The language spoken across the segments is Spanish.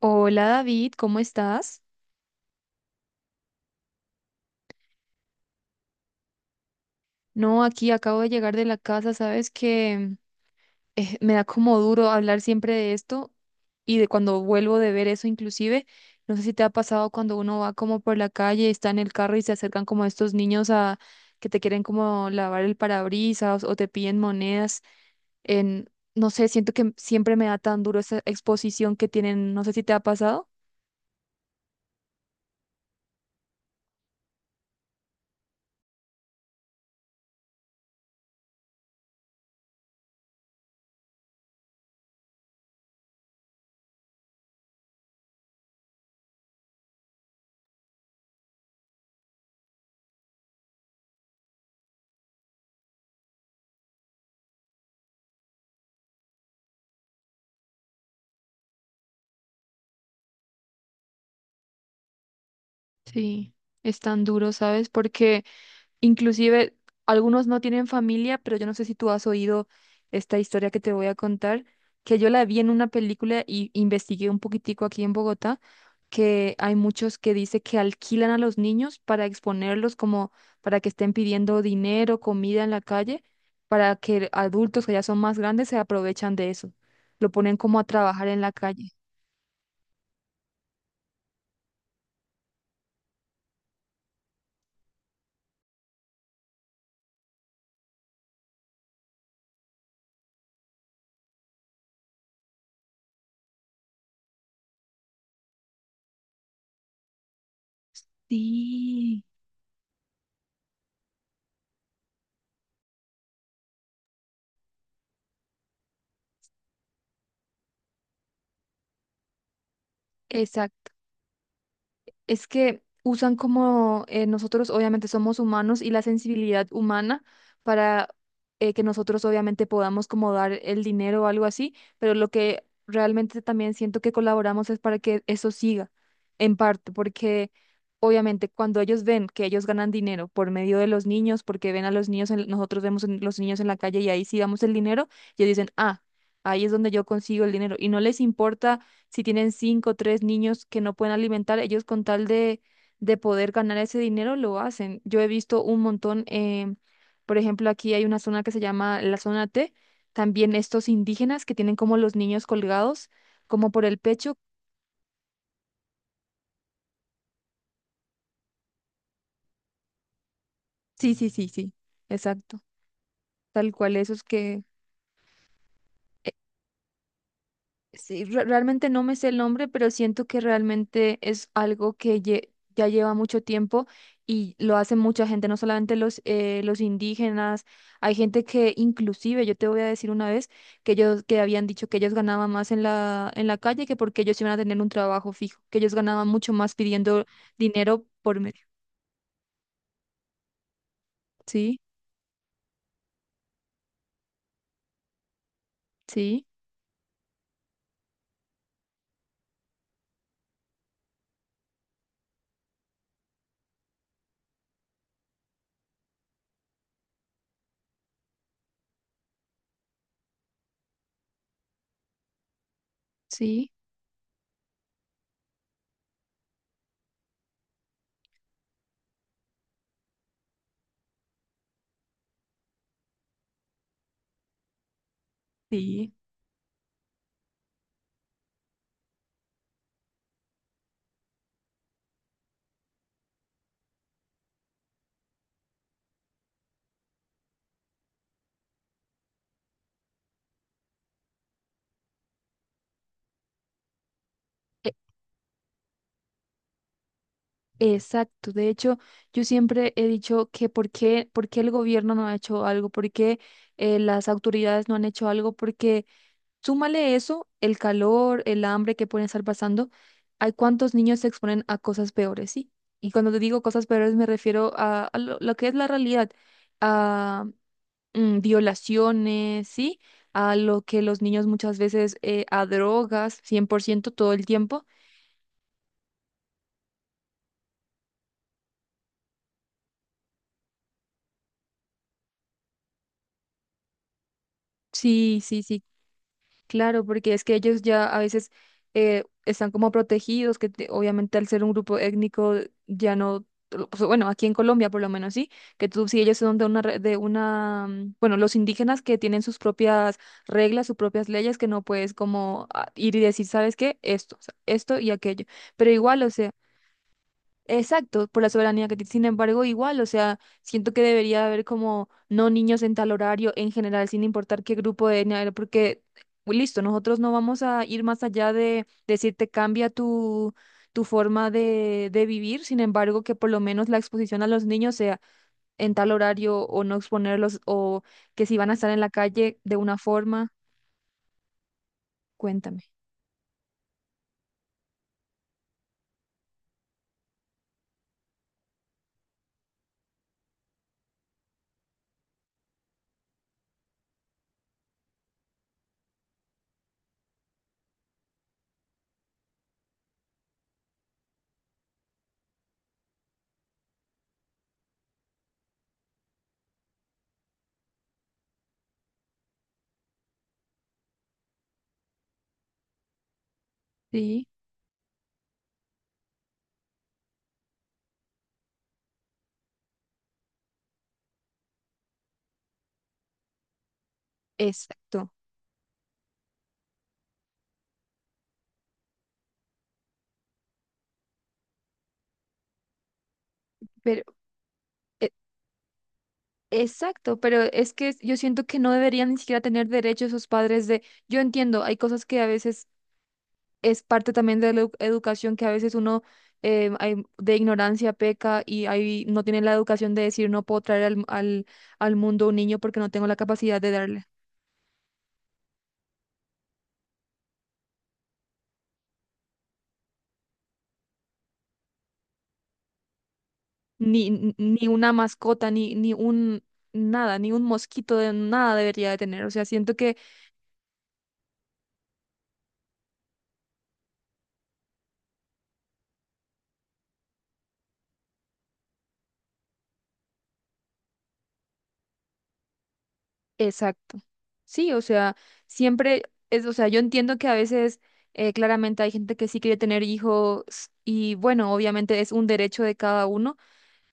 Hola David, ¿cómo estás? No, aquí acabo de llegar de la casa, sabes que me da como duro hablar siempre de esto y de cuando vuelvo de ver eso inclusive, no sé si te ha pasado cuando uno va como por la calle, está en el carro y se acercan como estos niños a que te quieren como lavar el parabrisas o te piden monedas en, no sé, siento que siempre me da tan duro esa exposición que tienen, no sé si te ha pasado. Sí, es tan duro, ¿sabes? Porque inclusive algunos no tienen familia, pero yo no sé si tú has oído esta historia que te voy a contar, que yo la vi en una película y investigué un poquitico aquí en Bogotá, que hay muchos que dice que alquilan a los niños para exponerlos como para que estén pidiendo dinero, comida en la calle, para que adultos que ya son más grandes se aprovechan de eso. Lo ponen como a trabajar en la calle. Sí, exacto. Es que usan como nosotros obviamente somos humanos y la sensibilidad humana para que nosotros obviamente podamos como dar el dinero o algo así, pero lo que realmente también siento que colaboramos es para que eso siga en parte, porque obviamente cuando ellos ven que ellos ganan dinero por medio de los niños, porque ven a los niños, nosotros vemos a los niños en la calle y ahí sí damos el dinero, ellos dicen, ah, ahí es donde yo consigo el dinero y no les importa si tienen cinco o tres niños que no pueden alimentar, ellos con tal de poder ganar ese dinero lo hacen. Yo he visto un montón, por ejemplo, aquí hay una zona que se llama la zona T, también estos indígenas que tienen como los niños colgados, como por el pecho. Sí, sí, sí, sí, exacto. Tal cual esos que... realmente no me sé el nombre, pero siento que realmente es algo que ya lleva mucho tiempo y lo hace mucha gente, no solamente los indígenas, hay gente que inclusive, yo te voy a decir una vez, que ellos que habían dicho que ellos ganaban más en la calle que porque ellos iban a tener un trabajo fijo, que ellos ganaban mucho más pidiendo dinero por medio. Sí, sí, sí, sí. Exacto. De hecho, yo siempre he dicho que por qué el gobierno no ha hecho algo, por qué las autoridades no han hecho algo, porque súmale eso, el calor, el hambre que pueden estar pasando, hay cuántos niños se exponen a cosas peores, ¿sí? Y cuando te digo cosas peores me refiero a lo que es la realidad, a violaciones, ¿sí? A lo que los niños muchas veces, a drogas, 100% todo el tiempo. Sí, sí, sí, claro, porque es que ellos ya a veces están como protegidos, obviamente al ser un grupo étnico ya no, pues, bueno, aquí en Colombia por lo menos sí, que tú si ellos son de de una, bueno, los indígenas que tienen sus propias reglas, sus propias leyes, que no puedes como ah, ir y decir, ¿sabes qué? Esto, o sea, esto y aquello. Pero igual, o sea. Exacto, por la soberanía que tiene. Sin embargo, igual, o sea, siento que debería haber como no niños en tal horario en general, sin importar qué grupo de etnia era, porque pues, listo, nosotros no vamos a ir más allá de decirte cambia tu, tu forma de vivir, sin embargo, que por lo menos la exposición a los niños sea en tal horario o no exponerlos o que si van a estar en la calle de una forma, cuéntame. Sí, exacto. Pero, exacto, pero es que yo siento que no deberían ni siquiera tener derecho esos padres de, yo entiendo, hay cosas que a veces es parte también de la educación, que a veces uno de ignorancia peca y ahí no tiene la educación de decir no puedo traer al mundo un niño porque no tengo la capacidad de darle ni, ni ni una mascota, ni, ni un nada, ni un mosquito de nada debería de tener. O sea, siento que, exacto. Sí, o sea, siempre es, o sea, yo entiendo que a veces claramente hay gente que sí quiere tener hijos y bueno, obviamente es un derecho de cada uno.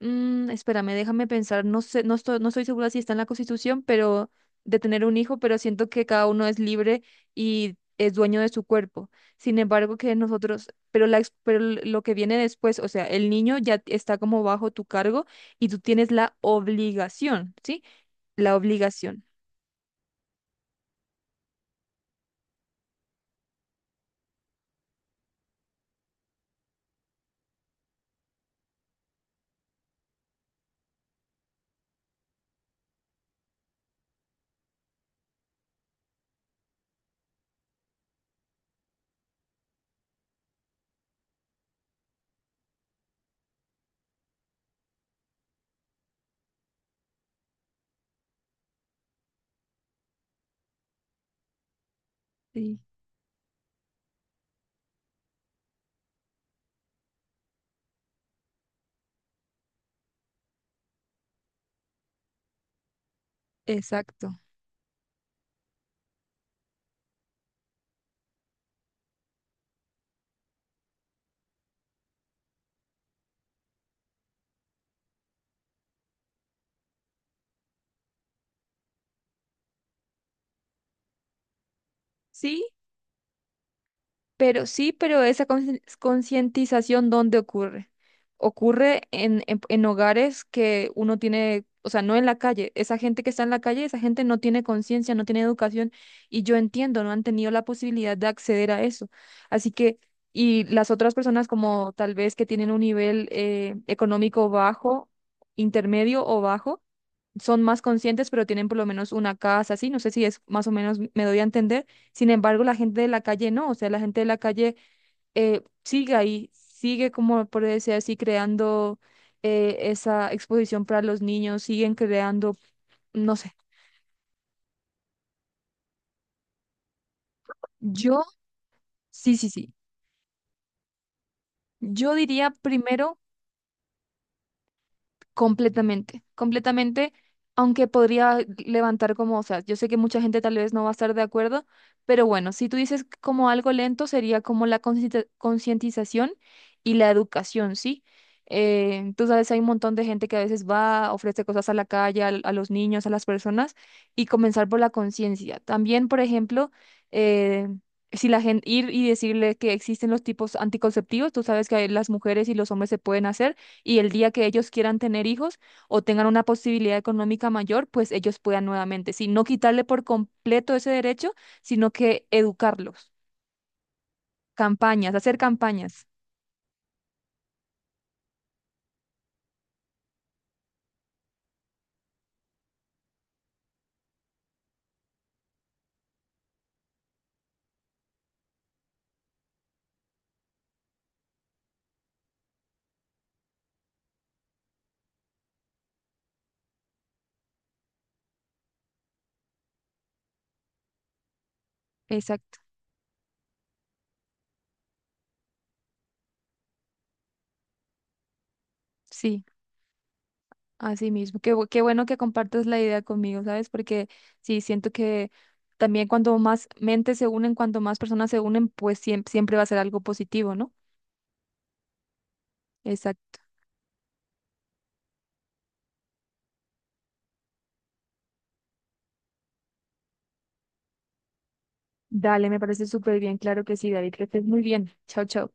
Mm, espérame, déjame pensar, no sé, no estoy, no estoy segura si está en la Constitución, pero de tener un hijo, pero siento que cada uno es libre y es dueño de su cuerpo. Sin embargo, que nosotros, pero pero lo que viene después, o sea, el niño ya está como bajo tu cargo y tú tienes la obligación, ¿sí? La obligación. Sí, exacto. Sí, sí, pero esa concientización, ¿dónde ocurre? Ocurre en hogares que uno tiene, o sea, no en la calle. Esa gente que está en la calle, esa gente no tiene conciencia, no tiene educación, y yo entiendo, no han tenido la posibilidad de acceder a eso. Así que, y las otras personas como tal vez que tienen un nivel económico bajo, intermedio o bajo, son más conscientes, pero tienen por lo menos una casa, así, no sé si es más o menos, me doy a entender. Sin embargo, la gente de la calle no, o sea, la gente de la calle sigue ahí, sigue, como por decir así, creando esa exposición para los niños, siguen creando, no sé. Yo, sí, sí, sí. Yo diría primero completamente, completamente, aunque podría levantar como, o sea, yo sé que mucha gente tal vez no va a estar de acuerdo, pero bueno, si tú dices como algo lento, sería como la concientización y la educación, ¿sí? Tú sabes, hay un montón de gente que a veces va, ofrece cosas a la calle, a, los niños, a las personas, y comenzar por la conciencia. También, por ejemplo, eh, si la gente ir y decirle que existen los tipos anticonceptivos, tú sabes que las mujeres y los hombres se pueden hacer y el día que ellos quieran tener hijos o tengan una posibilidad económica mayor, pues ellos puedan nuevamente, sí, no quitarle por completo ese derecho, sino que educarlos, campañas, hacer campañas. Exacto, sí, así mismo. Qué, qué bueno que compartas la idea conmigo, ¿sabes? Porque sí, siento que también cuando más mentes se unen, cuando más personas se unen, pues siempre, siempre va a ser algo positivo, ¿no? Exacto. Dale, me parece súper bien, claro que sí, David, que estés muy bien. Chao, chao.